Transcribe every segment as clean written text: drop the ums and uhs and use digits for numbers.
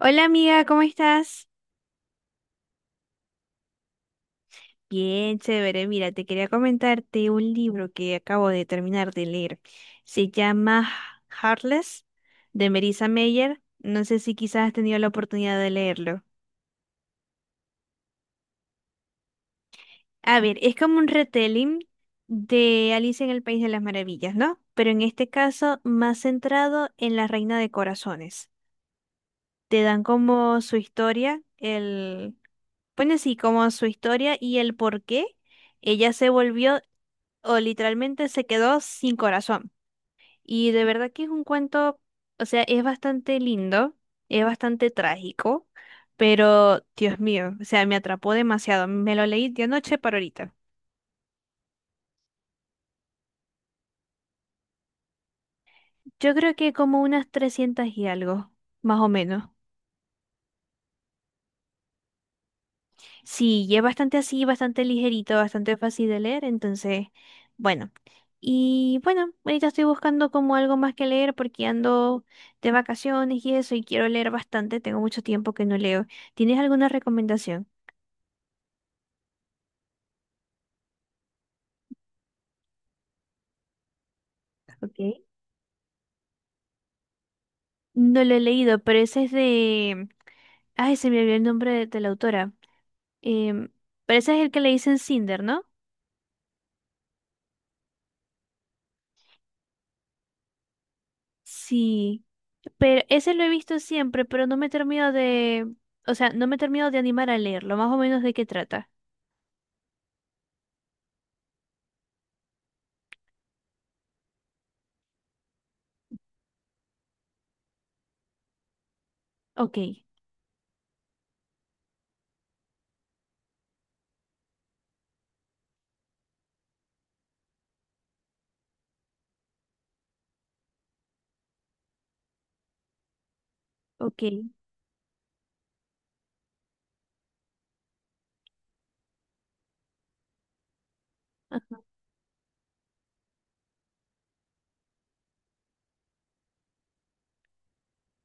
Hola amiga, ¿cómo estás? Bien, chévere. Mira, te quería comentarte un libro que acabo de terminar de leer. Se llama Heartless de Marissa Meyer. No sé si quizás has tenido la oportunidad de leerlo. A ver, es como un retelling de Alicia en el País de las Maravillas, ¿no? Pero en este caso más centrado en la Reina de Corazones. Te dan como su historia, pone así como su historia y el por qué ella se volvió o literalmente se quedó sin corazón. Y de verdad que es un cuento, o sea, es bastante lindo, es bastante trágico, pero Dios mío, o sea, me atrapó demasiado. Me lo leí de anoche para ahorita. Yo creo que como unas 300 y algo, más o menos. Sí, y es bastante así, bastante ligerito, bastante fácil de leer, entonces, bueno. Y bueno, ahorita estoy buscando como algo más que leer porque ando de vacaciones y eso y quiero leer bastante, tengo mucho tiempo que no leo. ¿Tienes alguna recomendación? Ok. No lo he leído, pero ese es de. Ay, se me olvidó el nombre de la autora. Em, pero ese es el que le dicen Cinder, ¿no? Sí, pero ese lo he visto siempre, pero no me termino de, o sea, no me termino de animar a leerlo, más o menos de qué trata. Ok, ok. Ajá.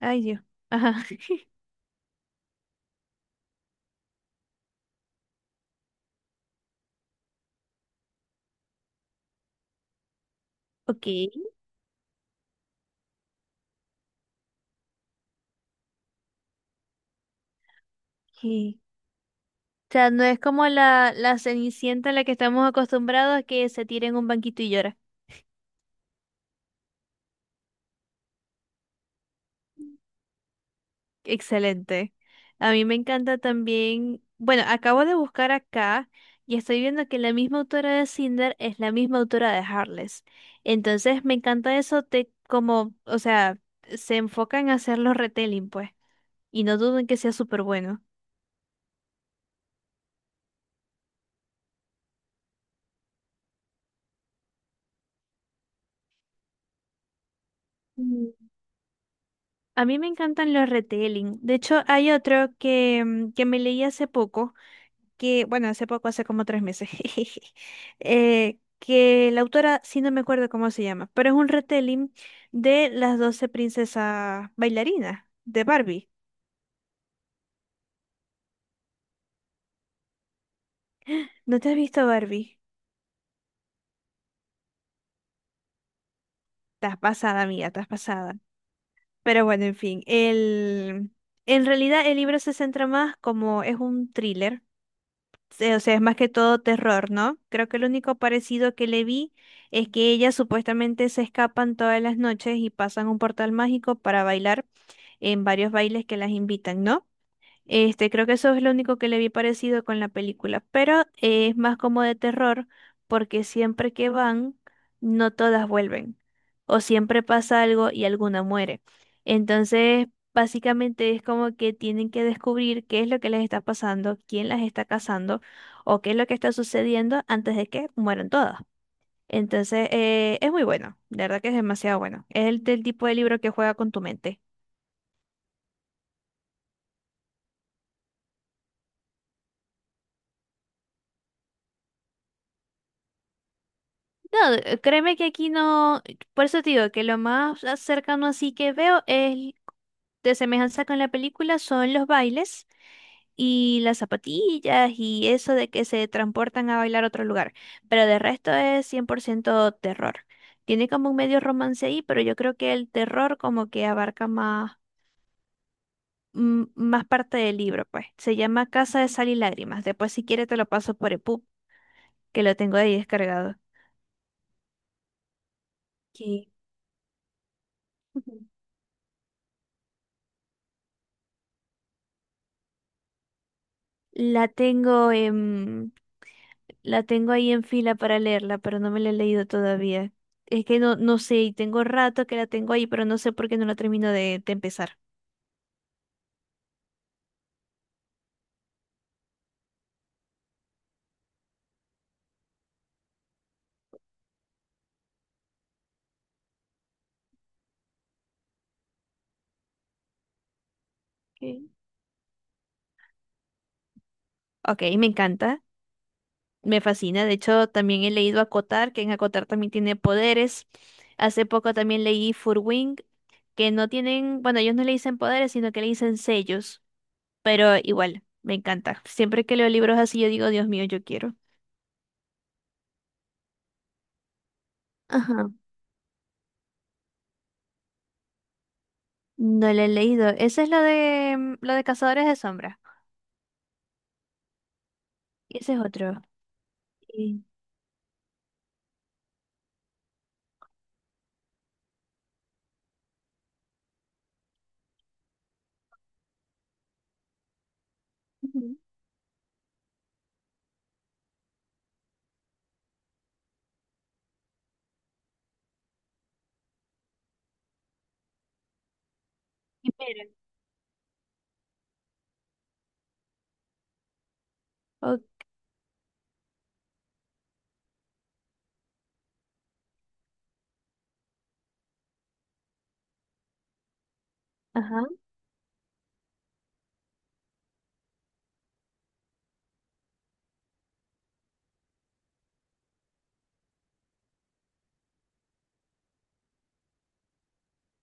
Ay, Dios. Ajá. Ok. Sí. O sea, no es como la Cenicienta a la que estamos acostumbrados a que se tire en un banquito y llora. Excelente. A mí me encanta también, bueno, acabo de buscar acá y estoy viendo que la misma autora de Cinder es la misma autora de Heartless. Entonces me encanta eso te como, o sea, se enfocan en hacer los retelling, pues, y no duden que sea súper bueno. Mm. A mí me encantan los retelling. De hecho, hay otro que, que me leí hace poco que, bueno, hace poco, hace como 3 meses, que la autora, sí no me acuerdo cómo se llama, pero es un retelling de las 12 princesas bailarinas de Barbie. ¿No te has visto Barbie? Estás pasada, amiga, estás pasada. Pero bueno, en fin, en realidad el libro se centra más como es un thriller, o sea, es más que todo terror, ¿no? Creo que lo único parecido que le vi es que ellas supuestamente se escapan todas las noches y pasan un portal mágico para bailar en varios bailes que las invitan, ¿no? Este, creo que eso es lo único que le vi parecido con la película, pero es más como de terror porque siempre que van, no todas vuelven o siempre pasa algo y alguna muere. Entonces, básicamente es como que tienen que descubrir qué es lo que les está pasando, quién las está cazando o qué es lo que está sucediendo antes de que mueran todas. Entonces, es muy bueno, de verdad que es demasiado bueno. Es del tipo de libro que juega con tu mente. No, créeme que aquí no, por eso te digo que lo más cercano así que veo es de semejanza con la película son los bailes y las zapatillas y eso de que se transportan a bailar a otro lugar, pero de resto es 100% terror. Tiene como un medio romance ahí, pero yo creo que el terror como que abarca más, más parte del libro, pues. Se llama Casa de Sal y Lágrimas. Después si quieres te lo paso por EPUB, que lo tengo ahí descargado. Sí. La tengo en, la tengo ahí en fila para leerla, pero no me la he leído todavía. Es que no, no sé, y tengo rato que la tengo ahí, pero no sé por qué no la termino de empezar. Ok. Ok, me encanta, me fascina. De hecho, también he leído Acotar, que en Acotar también tiene poderes. Hace poco también leí Furwing, que no tienen, bueno, ellos no le dicen poderes, sino que le dicen sellos, pero igual, me encanta. Siempre que leo libros así, yo digo, Dios mío, yo quiero. Ajá. No lo he leído. Ese es lo de Cazadores de Sombras. Y ese es otro. Y- Ujú. Quimera. O- ajá.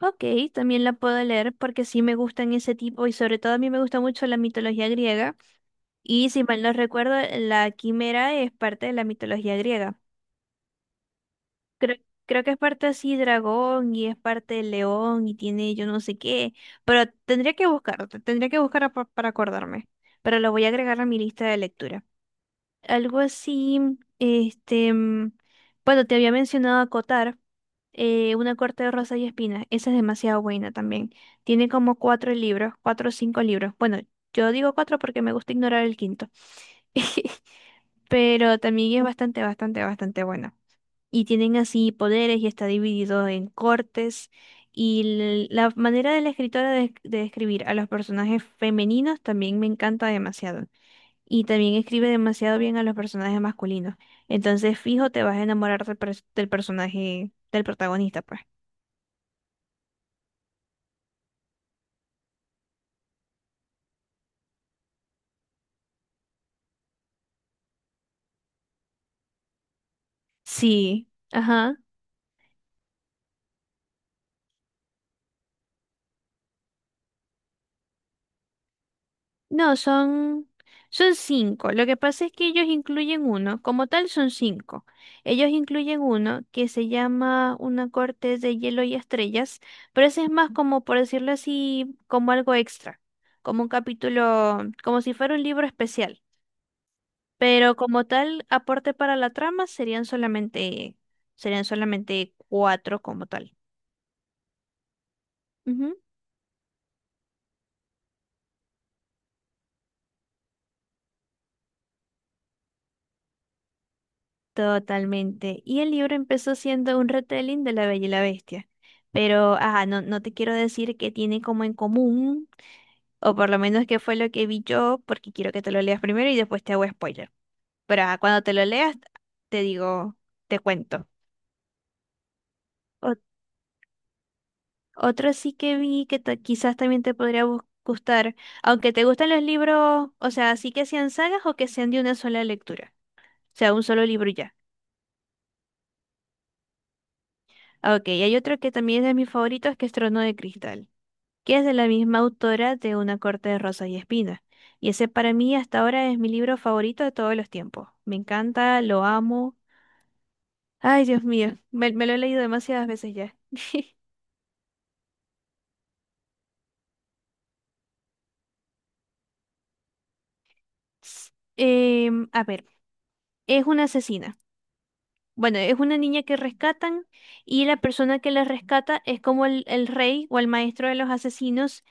Ok, también la puedo leer porque sí me gustan ese tipo y sobre todo a mí me gusta mucho la mitología griega. Y si mal no recuerdo, la quimera es parte de la mitología griega. Creo, creo que es parte así dragón y es parte de león y tiene yo no sé qué. Pero tendría que buscarlo, tendría que buscar para acordarme. Pero lo voy a agregar a mi lista de lectura. Algo así, este, bueno, te había mencionado Acotar, una corte de rosas y espinas. Esa es demasiado buena también. Tiene como cuatro libros, cuatro o cinco libros. Bueno, yo digo cuatro porque me gusta ignorar el quinto. Pero también es bastante, bastante, bastante buena. Y tienen así poderes y está dividido en cortes. Y la manera de la escritora de escribir a los personajes femeninos también me encanta demasiado y también escribe demasiado bien a los personajes masculinos. Entonces, fijo, te vas a enamorar del personaje, del protagonista, pues. Sí, ajá. No, son cinco. Lo que pasa es que ellos incluyen uno, como tal son cinco. Ellos incluyen uno que se llama Una corte de hielo y estrellas, pero ese es más como, por decirlo así, como algo extra, como un capítulo, como si fuera un libro especial. Pero como tal, aporte para la trama serían solamente cuatro como tal. Ujú. Totalmente. Y el libro empezó siendo un retelling de La Bella y la Bestia. Pero, ajá, no, no te quiero decir que tiene como en común, o por lo menos que fue lo que vi yo, porque quiero que te lo leas primero y después te hago spoiler. Pero ajá, cuando te lo leas, te digo, te cuento. Otro sí que vi que quizás también te podría gustar, aunque te gustan los libros, o sea, sí que sean sagas o que sean de una sola lectura, o sea, un solo libro y ya. Ah, Ok, y hay otro que también es de mis favoritos, que es Trono de Cristal, que es de la misma autora de Una corte de rosas y espinas. Y ese para mí hasta ahora es mi libro favorito de todos los tiempos. Me encanta, lo amo. Ay, Dios mío, me lo he leído demasiadas veces ya. A ver, es una asesina. Bueno, es una niña que rescatan y la persona que la rescata es como el rey o el maestro de los asesinos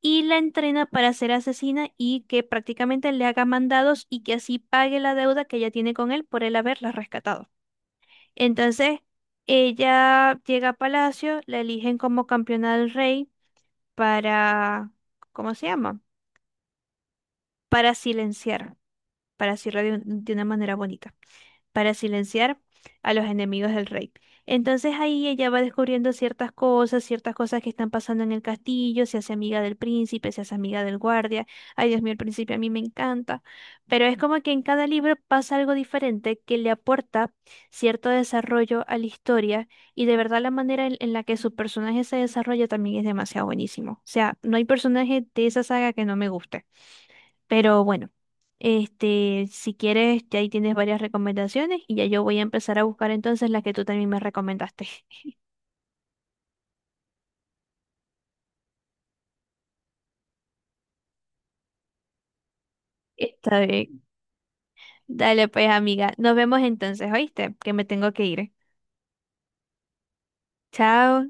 y la entrena para ser asesina y que prácticamente le haga mandados y que así pague la deuda que ella tiene con él por él haberla rescatado. Entonces, ella llega a palacio, la eligen como campeona del rey para, ¿cómo se llama? Para silenciar, para decirlo de de una manera bonita. Para silenciar a los enemigos del rey. Entonces ahí ella va descubriendo ciertas cosas que están pasando en el castillo, se hace amiga del príncipe, se hace amiga del guardia. Ay, Dios mío, el príncipe a mí me encanta. Pero es como que en cada libro pasa algo diferente que le aporta cierto desarrollo a la historia y de verdad la manera en la que su personaje se desarrolla también es demasiado buenísimo. O sea, no hay personaje de esa saga que no me guste. Pero bueno, este, si quieres, ya ahí tienes varias recomendaciones y ya yo voy a empezar a buscar entonces las que tú también me recomendaste. Está bien. Dale pues, amiga. Nos vemos entonces, ¿oíste? Que me tengo que ir. Chao.